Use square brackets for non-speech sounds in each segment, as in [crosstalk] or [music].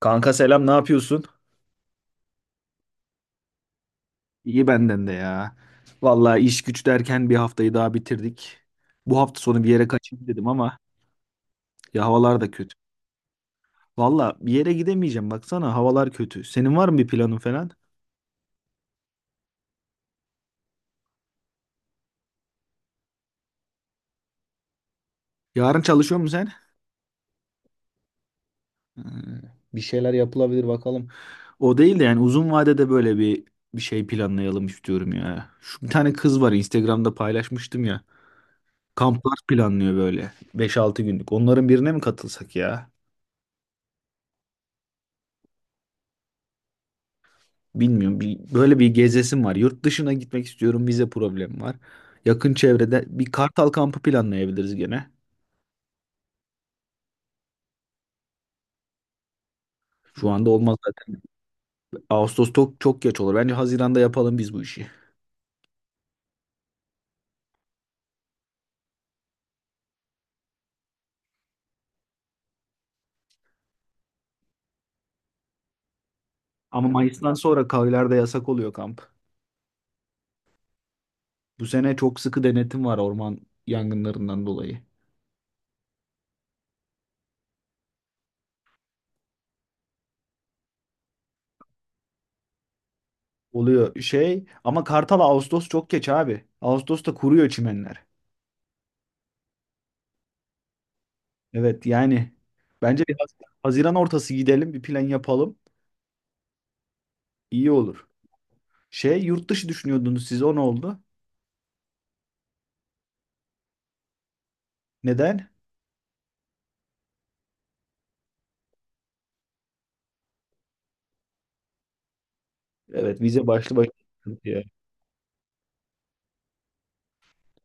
Kanka selam ne yapıyorsun? İyi benden de ya. Vallahi iş güç derken bir haftayı daha bitirdik. Bu hafta sonu bir yere kaçayım dedim ama ya havalar da kötü. Vallahi bir yere gidemeyeceğim baksana havalar kötü. Senin var mı bir planın falan? Yarın çalışıyor musun sen? Hmm, Bir şeyler yapılabilir bakalım. O değil de yani uzun vadede böyle bir şey planlayalım istiyorum ya. Şu bir tane kız var Instagram'da paylaşmıştım ya. Kamplar planlıyor böyle 5-6 günlük. Onların birine mi katılsak ya? Bilmiyorum. Böyle bir gezesim var. Yurt dışına gitmek istiyorum. Vize problemi var. Yakın çevrede bir Kartal kampı planlayabiliriz gene. Şu anda olmaz zaten. Ağustos çok çok geç olur. Bence Haziran'da yapalım biz bu işi. Ama Mayıs'tan sonra kayalarda yasak oluyor kamp. Bu sene çok sıkı denetim var orman yangınlarından dolayı. Oluyor şey. Ama Kartal Ağustos çok geç abi. Ağustos'ta kuruyor çimenler. Evet yani bence biraz Haziran ortası gidelim, bir plan yapalım. İyi olur. Şey, yurt dışı düşünüyordunuz siz, o ne oldu? Neden? Evet, vize başlı başına sıkıntı ya.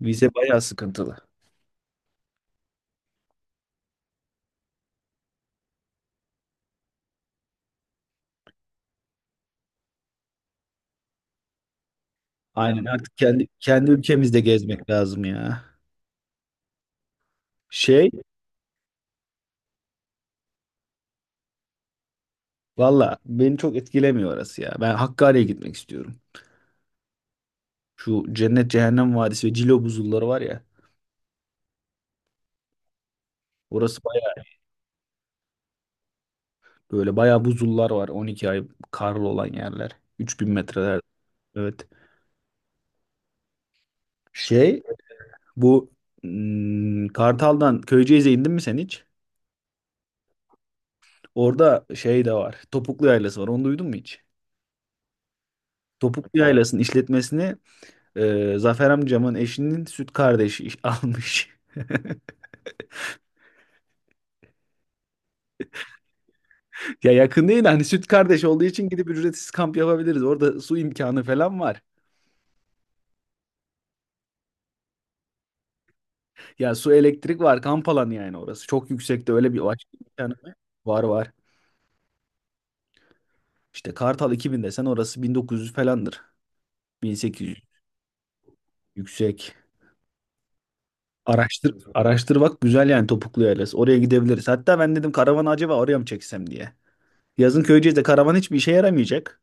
Vize bayağı sıkıntılı. Aynen, artık kendi ülkemizde gezmek lazım ya. Şey, valla beni çok etkilemiyor orası ya. Ben Hakkari'ye gitmek istiyorum. Şu Cennet Cehennem Vadisi ve Cilo Buzulları var ya. Orası böyle bayağı buzullar var. 12 ay karlı olan yerler. 3.000 metreler. Evet. Şey bu Kartal'dan Köyceğiz'e indin mi sen hiç? Orada şey de var. Topuklu Yaylası var. Onu duydun mu hiç? Topuklu Yaylası'nın işletmesini Zafer amcamın eşinin süt kardeşi [laughs] almış. [laughs] Ya yakın değil de hani süt kardeş olduğu için gidip ücretsiz kamp yapabiliriz. Orada su imkanı falan var. Ya su elektrik var, kamp alanı yani orası. Çok yüksekte, öyle bir başka imkanı var. Var var. İşte Kartal 2000 desen orası 1900 falandır. 1800, yüksek. Araştır, araştır bak, güzel yani topuklu yerler. Oraya gidebiliriz. Hatta ben dedim, karavanı acaba oraya mı çeksem diye. Yazın Köyceğiz'de karavan hiçbir işe yaramayacak.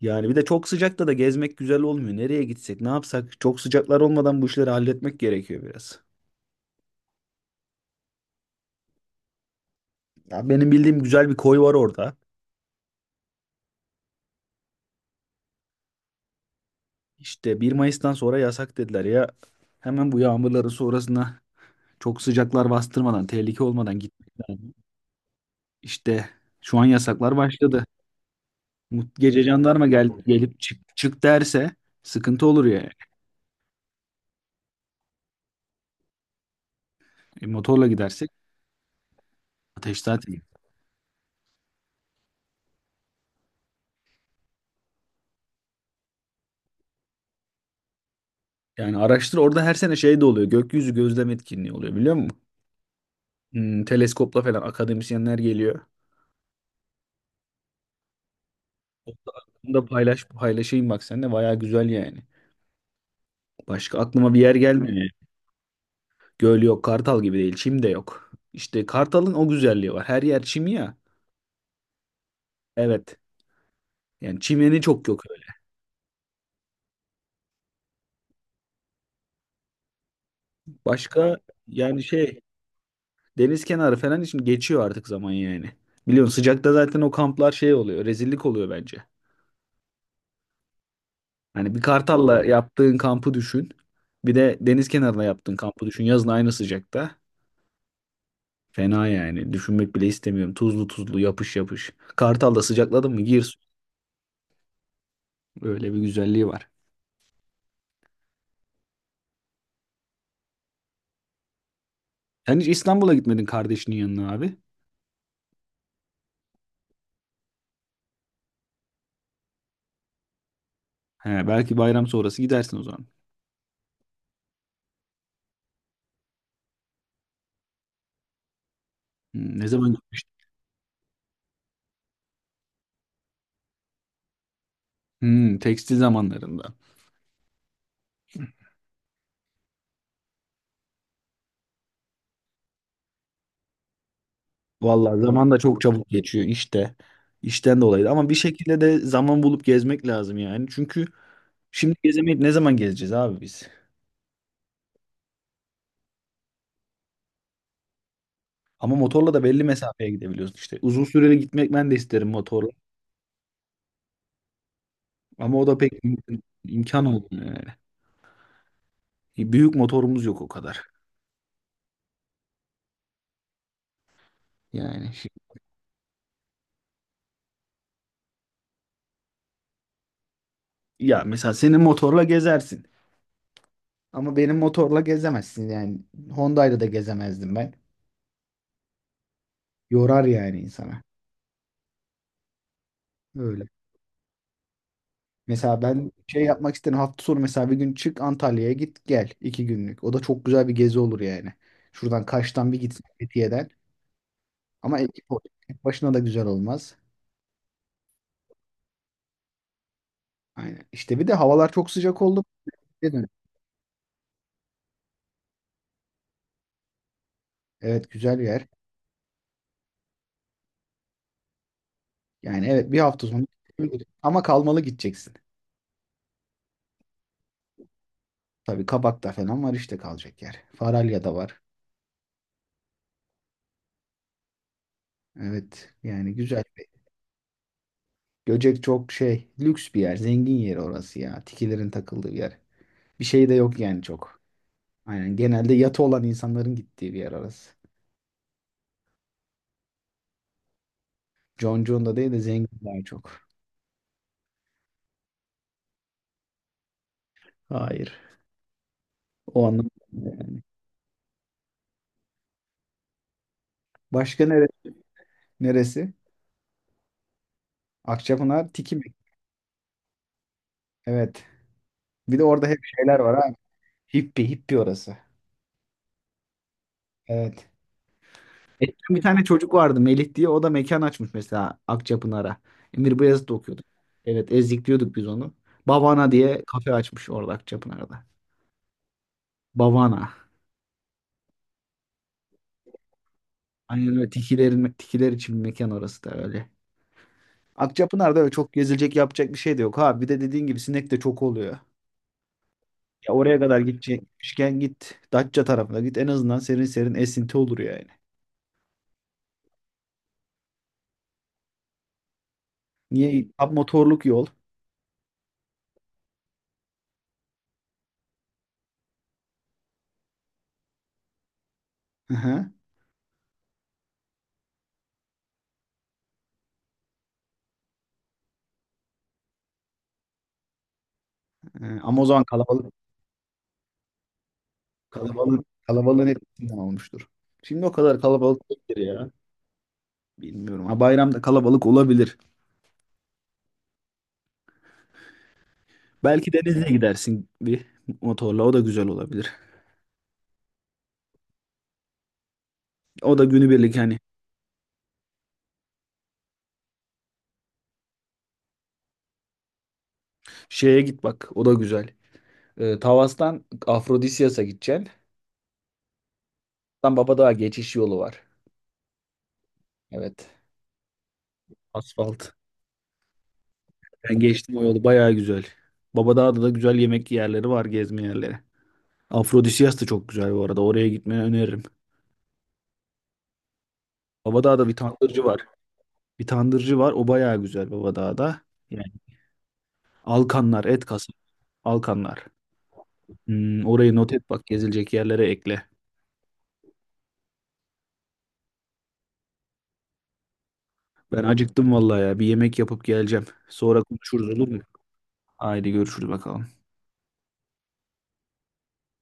Yani bir de çok sıcakta da gezmek güzel olmuyor. Nereye gitsek, ne yapsak? Çok sıcaklar olmadan bu işleri halletmek gerekiyor biraz. Ya benim bildiğim güzel bir koy var orada. İşte bir Mayıs'tan sonra yasak dediler ya. Hemen bu yağmurların sonrasına, çok sıcaklar bastırmadan, tehlike olmadan gitmek lazım. İşte şu an yasaklar başladı. Gece jandarma gelip çık, çık derse sıkıntı olur ya. E, motorla gidersek ateş zaten. Yani araştır, orada her sene şey de oluyor. Gökyüzü gözlem etkinliği oluyor biliyor musun? Teleskopla falan akademisyenler geliyor. O da. Paylaşayım bak, seninle baya güzel yani. Başka aklıma bir yer gelmiyor yani. Göl yok, Kartal gibi değil, çim de yok. İşte Kartal'ın o güzelliği var. Her yer çim ya. Evet. Yani çimeni çok yok öyle. Başka, yani şey. Deniz kenarı falan için geçiyor artık zaman yani. Biliyorsun sıcakta zaten o kamplar şey oluyor. Rezillik oluyor bence. Hani bir Kartal'la yaptığın kampı düşün. Bir de deniz kenarına yaptığın kampı düşün. Yazın aynı sıcakta. Fena yani. Düşünmek bile istemiyorum. Tuzlu tuzlu, yapış yapış. Kartal'da sıcakladın mı gir. Öyle bir güzelliği var. Sen hiç İstanbul'a gitmedin kardeşinin yanına abi. He, belki bayram sonrası gidersin o zaman. Ne zaman gitmiştin? Tekstil zamanlarında. Vallahi zaman da çok çabuk geçiyor işte. İşten dolayı da. Ama bir şekilde de zaman bulup gezmek lazım yani. Çünkü şimdi gezemeyip ne zaman gezeceğiz abi biz? Ama motorla da belli mesafeye gidebiliyoruz işte. Uzun süreli gitmek ben de isterim motorla. Ama o da pek imkan olmuyor yani. E, büyük motorumuz yok o kadar. Yani ya mesela senin motorla gezersin. Ama benim motorla gezemezsin yani. Honda'yla da gezemezdim ben. Yorar yani insana. Öyle. Mesela ben şey yapmak isterim, hafta sonu mesela bir gün çık Antalya'ya git gel 2 günlük. O da çok güzel bir gezi olur yani. Şuradan Kaş'tan bir gitsin Fethiye'den. Ama tek başına da güzel olmaz. Aynen. İşte bir de havalar çok sıcak oldu. Geri dön. Evet, güzel bir yer. Yani evet, bir hafta sonu gidebiliriz. Ama kalmalı gideceksin. Tabii Kabak'ta falan var işte kalacak yer. Faralya'da var. Evet yani güzel. Göcek çok şey lüks bir yer. Zengin yeri orası ya. Tikilerin takıldığı bir yer. Bir şey de yok yani çok. Aynen, genelde yatı olan insanların gittiği bir yer orası. Concuğunda değil de zenginler çok. Hayır. O anlamda yani. Başka neresi? Neresi? Akçapınar, Tikimik. Evet. Bir de orada hep şeyler var ha. Hippi, hippi orası. Evet. Eskiden bir tane çocuk vardı Melih diye. O da mekan açmış mesela Akçapınar'a. Emir Beyazıt okuyordu. Evet, ezikliyorduk biz onu. Bavana diye kafe açmış orada Akçapınar'da. Bavana. Aynen öyle, tikiler için bir mekan orası da öyle. Akçapınar'da öyle çok gezilecek, yapacak bir şey de yok abi. Bir de dediğin gibi sinek de çok oluyor. Ya oraya kadar gidecekmişken git Datça tarafına git. En azından serin serin esinti olur yani. Niye? Tam motorluk yol. Hı hı. Ama o zaman kalabalık kalabalık kalabalığın etkisinden olmuştur. Şimdi o kadar kalabalık değildir ya. Bilmiyorum. Ha, bayramda kalabalık olabilir. Belki denize gidersin bir motorla. O da güzel olabilir. O da günübirlik, hani şeye git bak. O da güzel. Tavas'tan Afrodisyas'a gideceksin. Tam Babadağ geçiş yolu var. Evet. Asfalt. Ben geçtim o yolu, bayağı güzel. Babadağ'da da güzel yemek yerleri var, gezme yerleri. Afrodisiyas da çok güzel bu arada. Oraya gitmeni öneririm. Babadağ'da bir tandırcı var. Bir tandırcı var. O bayağı güzel Babadağ'da. Yani Alkanlar, et kasap. Alkanlar. Orayı not et bak, gezilecek yerlere ekle. Ben acıktım vallahi ya. Bir yemek yapıp geleceğim. Sonra konuşuruz, olur mu? Haydi görüşürüz bakalım.